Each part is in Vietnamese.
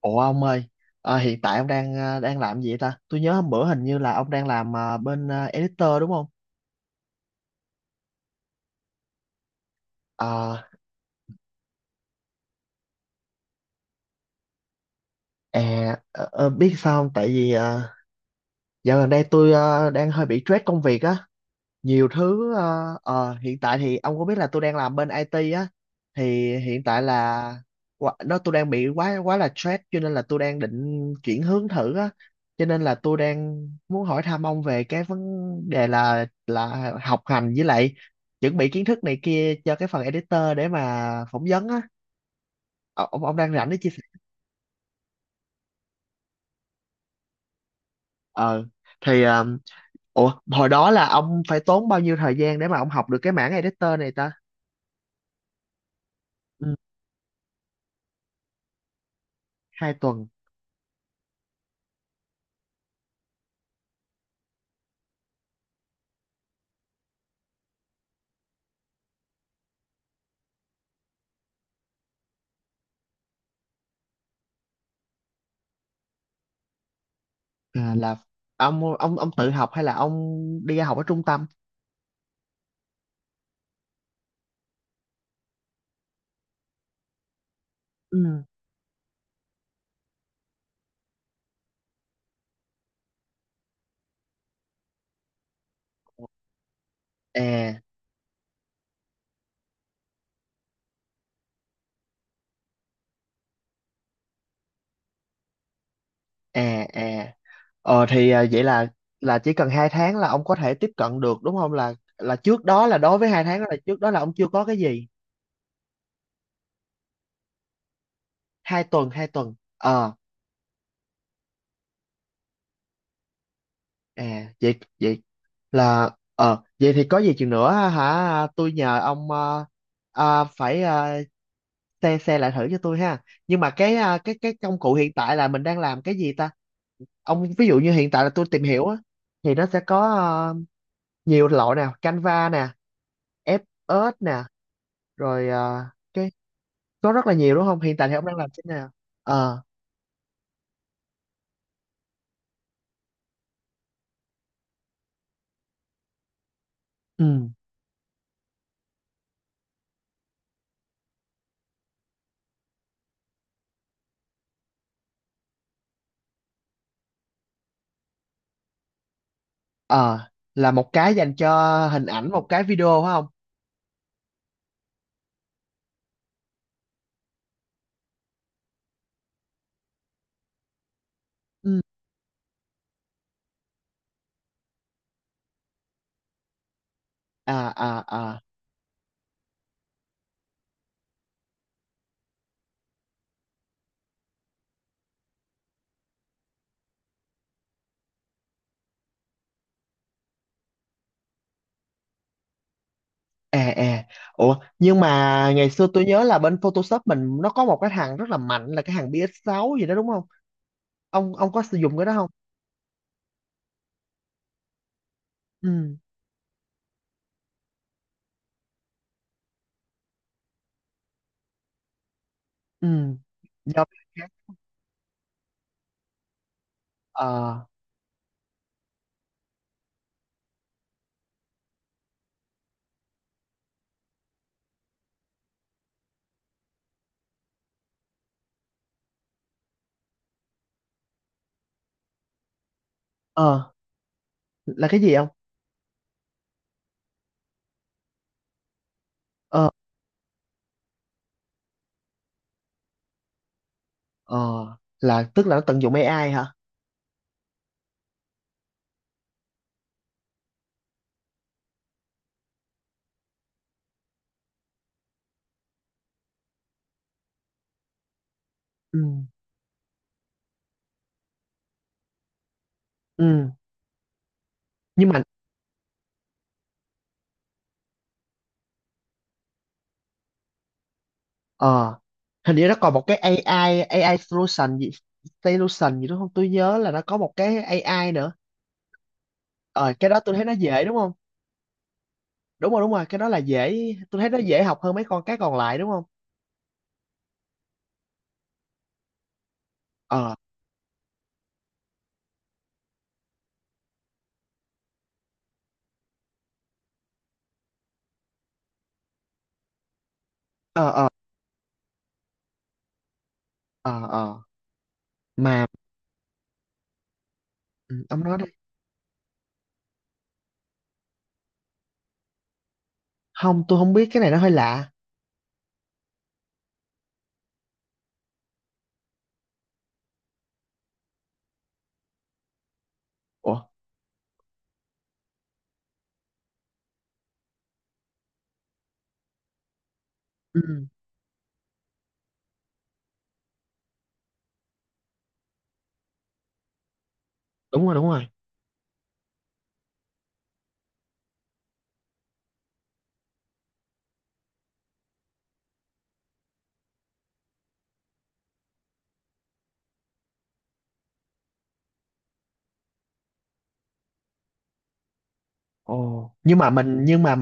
Ủa ông ơi, hiện tại ông đang đang làm gì vậy ta? Tôi nhớ hôm bữa hình như là ông đang làm bên editor đúng không? Ờ, Biết sao không? Tại vì dạo gần đây tôi đang hơi bị stress công việc á, nhiều thứ. Ờ, Hiện tại thì ông có biết là tôi đang làm bên IT á, thì hiện tại là quá- nó tôi đang bị quá quá là stress, cho nên là tôi đang định chuyển hướng thử á, cho nên là tôi đang muốn hỏi thăm ông về cái vấn đề là học hành với lại chuẩn bị kiến thức này kia cho cái phần editor để mà phỏng vấn á. Ờ, ông đang rảnh để chia sẻ. ờ thì ờ, Ủa hồi đó là ông phải tốn bao nhiêu thời gian để mà ông học được cái mảng editor này ta? Ừ, 2 tuần. Là ông tự học hay là ông đi học ở trung tâm? Ừ. à à à Vậy là chỉ cần 2 tháng là ông có thể tiếp cận được đúng không, là trước đó, là đối với 2 tháng đó, là trước đó là ông chưa có cái gì? 2 tuần 2 tuần ờ à vậy vậy là ờ vậy thì có gì chừng nữa hả, tôi nhờ ông phải xe xe lại thử cho tôi ha. Nhưng mà cái công cụ hiện tại là mình đang làm cái gì ta? Ông ví dụ như hiện tại là tôi tìm hiểu á, thì nó sẽ có nhiều loại nè, Canva nè, FS nè, rồi cái có rất là nhiều đúng không? Hiện tại thì ông đang làm thế nào? ờ ừ ờ là một cái dành cho hình ảnh, một cái video phải không? Ừ. à à à à à Ủa nhưng mà ngày xưa tôi nhớ là bên Photoshop mình nó có một cái thằng rất là mạnh là cái thằng PS6 gì đó đúng không? Ông có sử dụng cái đó không? Ừ. Ừ. do ờ ờ Là cái gì không? Ờ ờ là tức là nó tận dụng AI hả? Ừ. Ừ. Nhưng mà ờ hình như nó còn một cái AI AI solution gì, đúng không, tôi nhớ là nó có một cái AI nữa. Ờ cái đó tôi thấy nó dễ đúng không? Đúng rồi, đúng rồi, cái đó là dễ. Tôi thấy nó dễ học hơn mấy con cái còn lại đúng không? ờ ờ ờ ờ ờ mà ừ, ông nói đi. Không, tôi không biết, cái này nó hơi lạ. Ủa. Ừ, đúng rồi, đúng rồi. Ồ, nhưng mà mình nhưng mà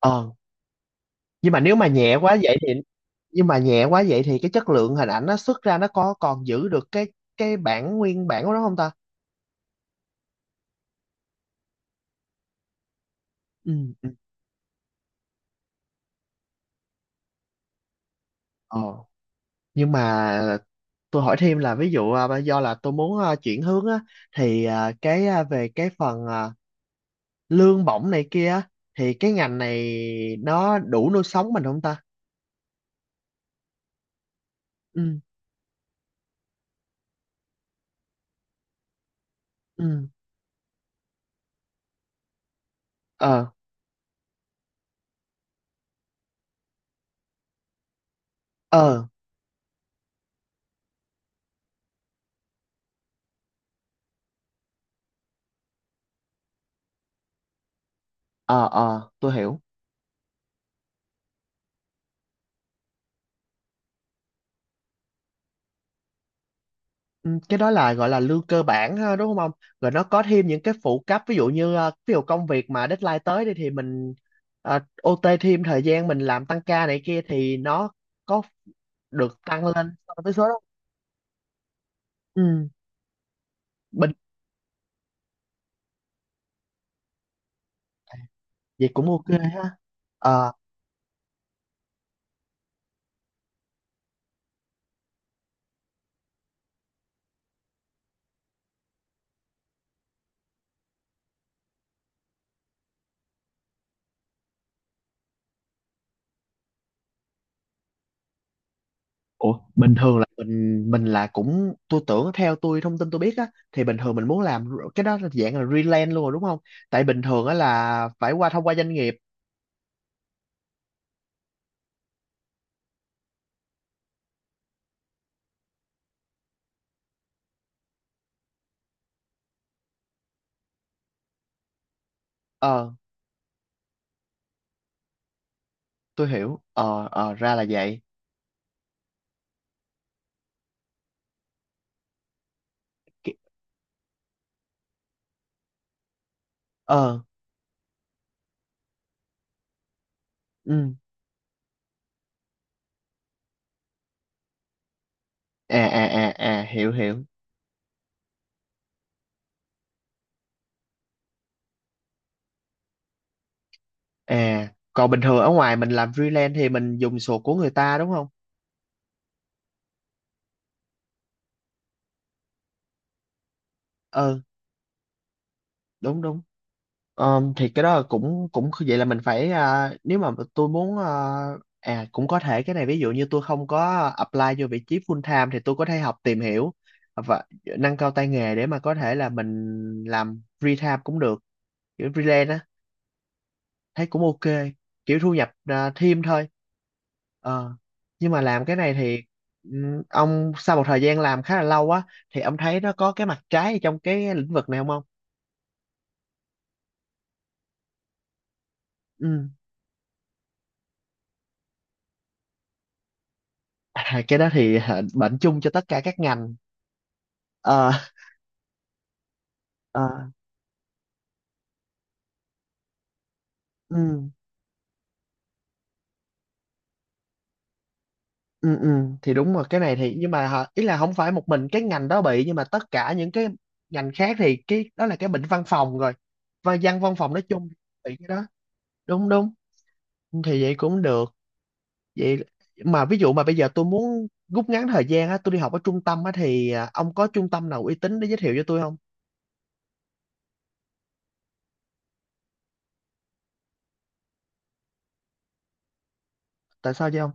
ờ nhưng mà nếu mà nhẹ quá vậy thì nhưng mà nhẹ quá vậy thì cái chất lượng hình ảnh nó xuất ra nó có còn giữ được cái bản nguyên bản của nó không ta? Ừ. Ừ. ờ nhưng mà tôi hỏi thêm là ví dụ do là tôi muốn chuyển hướng á, thì về cái phần lương bổng này kia á, thì cái ngành này nó đủ nuôi sống mình không ta? Ừ, ừ. ờ ờ ờ tôi hiểu. Ừ, cái đó là gọi là lương cơ bản ha, đúng không ông? Rồi nó có thêm những cái phụ cấp, ví dụ như ví dụ công việc mà deadline tới đi thì mình ờ, OT thêm thời gian mình làm tăng ca này kia thì nó có được tăng lên so với số đó. Ừ. bình Vậy cũng ok ha. Ờ, ủa bình thường là mình là cũng tôi tưởng theo tôi thông tin tôi biết á, thì bình thường mình muốn làm cái đó là dạng là freelance luôn rồi đúng không, tại bình thường á là phải thông qua doanh nghiệp. ờ tôi hiểu. Ờ Ra là vậy. Ki- ờ ừ. Hiểu hiểu. À, còn bình thường ở ngoài mình làm freelance thì mình dùng sổ của người ta đúng không? Ừ, đúng đúng. Thì cái đó là cũng cũng vậy là mình phải, nếu mà tôi muốn cũng có thể cái này, ví dụ như tôi không có apply vô vị trí full time thì tôi có thể học tìm hiểu và nâng cao tay nghề để mà có thể là mình làm free time cũng được, kiểu freelance á. Thấy cũng ok, kiểu thu nhập thêm thôi. Ờ, nhưng mà làm cái này thì ông sau một thời gian làm khá là lâu á thì ông thấy nó có cái mặt trái trong cái lĩnh vực này không ông? Ừ. À, cái đó thì bệnh chung cho tất cả các ngành. Ờ. Ờ. Ừ. Ừ. Ừ. Thì đúng rồi cái này thì, nhưng mà hả, ý là không phải một mình cái ngành đó bị, nhưng mà tất cả những cái ngành khác thì cái đó là cái bệnh văn phòng rồi. Và văn văn phòng nói chung bị cái đó. Đúng đúng, thì vậy cũng được. Vậy mà ví dụ mà bây giờ tôi muốn rút ngắn thời gian á, tôi đi học ở trung tâm á thì ông có trung tâm nào uy tín để giới thiệu cho tôi không? Tại sao vậy không?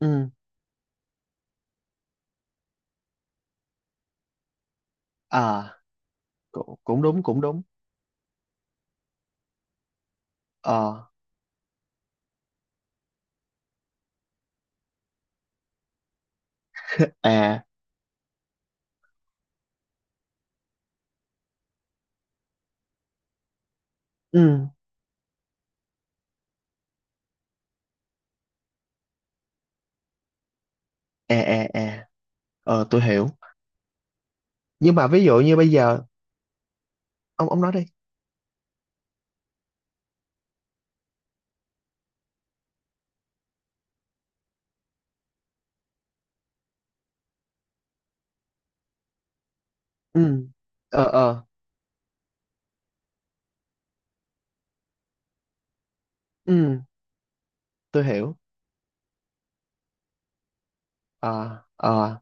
Ừ. à Cũng, cũng đúng, cũng đúng. ờ à ừ. à à à tôi hiểu. Nhưng mà ví dụ như bây giờ. Ông nói đi. Ừ. ờ ờ ừ, tôi hiểu. ờ ờ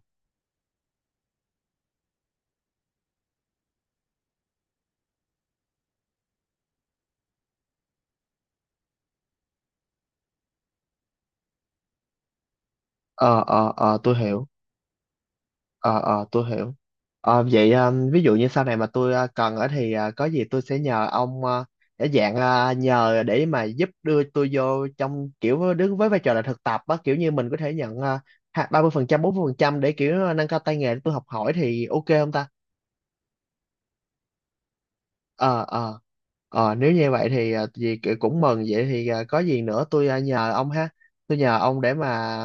ờ tôi hiểu. Ờ tôi hiểu. Ờ, vậy ví dụ như sau này mà tôi cần ở thì có gì tôi sẽ nhờ ông, để dạng nhờ để mà giúp đưa tôi vô trong kiểu đứng với vai trò là thực tập á, kiểu như mình có thể nhận 30%, 40% để kiểu nâng cao tay nghề để tôi học hỏi thì ok không ta? ờ ờ Nếu như vậy thì cũng mừng, vậy thì có gì nữa tôi nhờ ông ha. Tôi nhờ ông để mà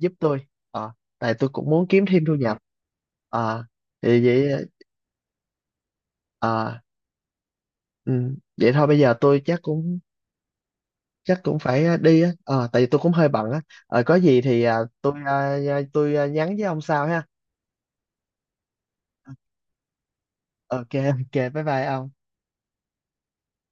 giúp tôi. ờ Tại tôi cũng muốn kiếm thêm thu nhập. ờ thì vậy. ờ Ừ. Vậy thôi bây giờ tôi chắc cũng phải đi á. Ờ, tại vì tôi cũng hơi bận á. Ờ, có gì thì tôi nhắn với ông sau ha. Ok. Ok, bye bye ông.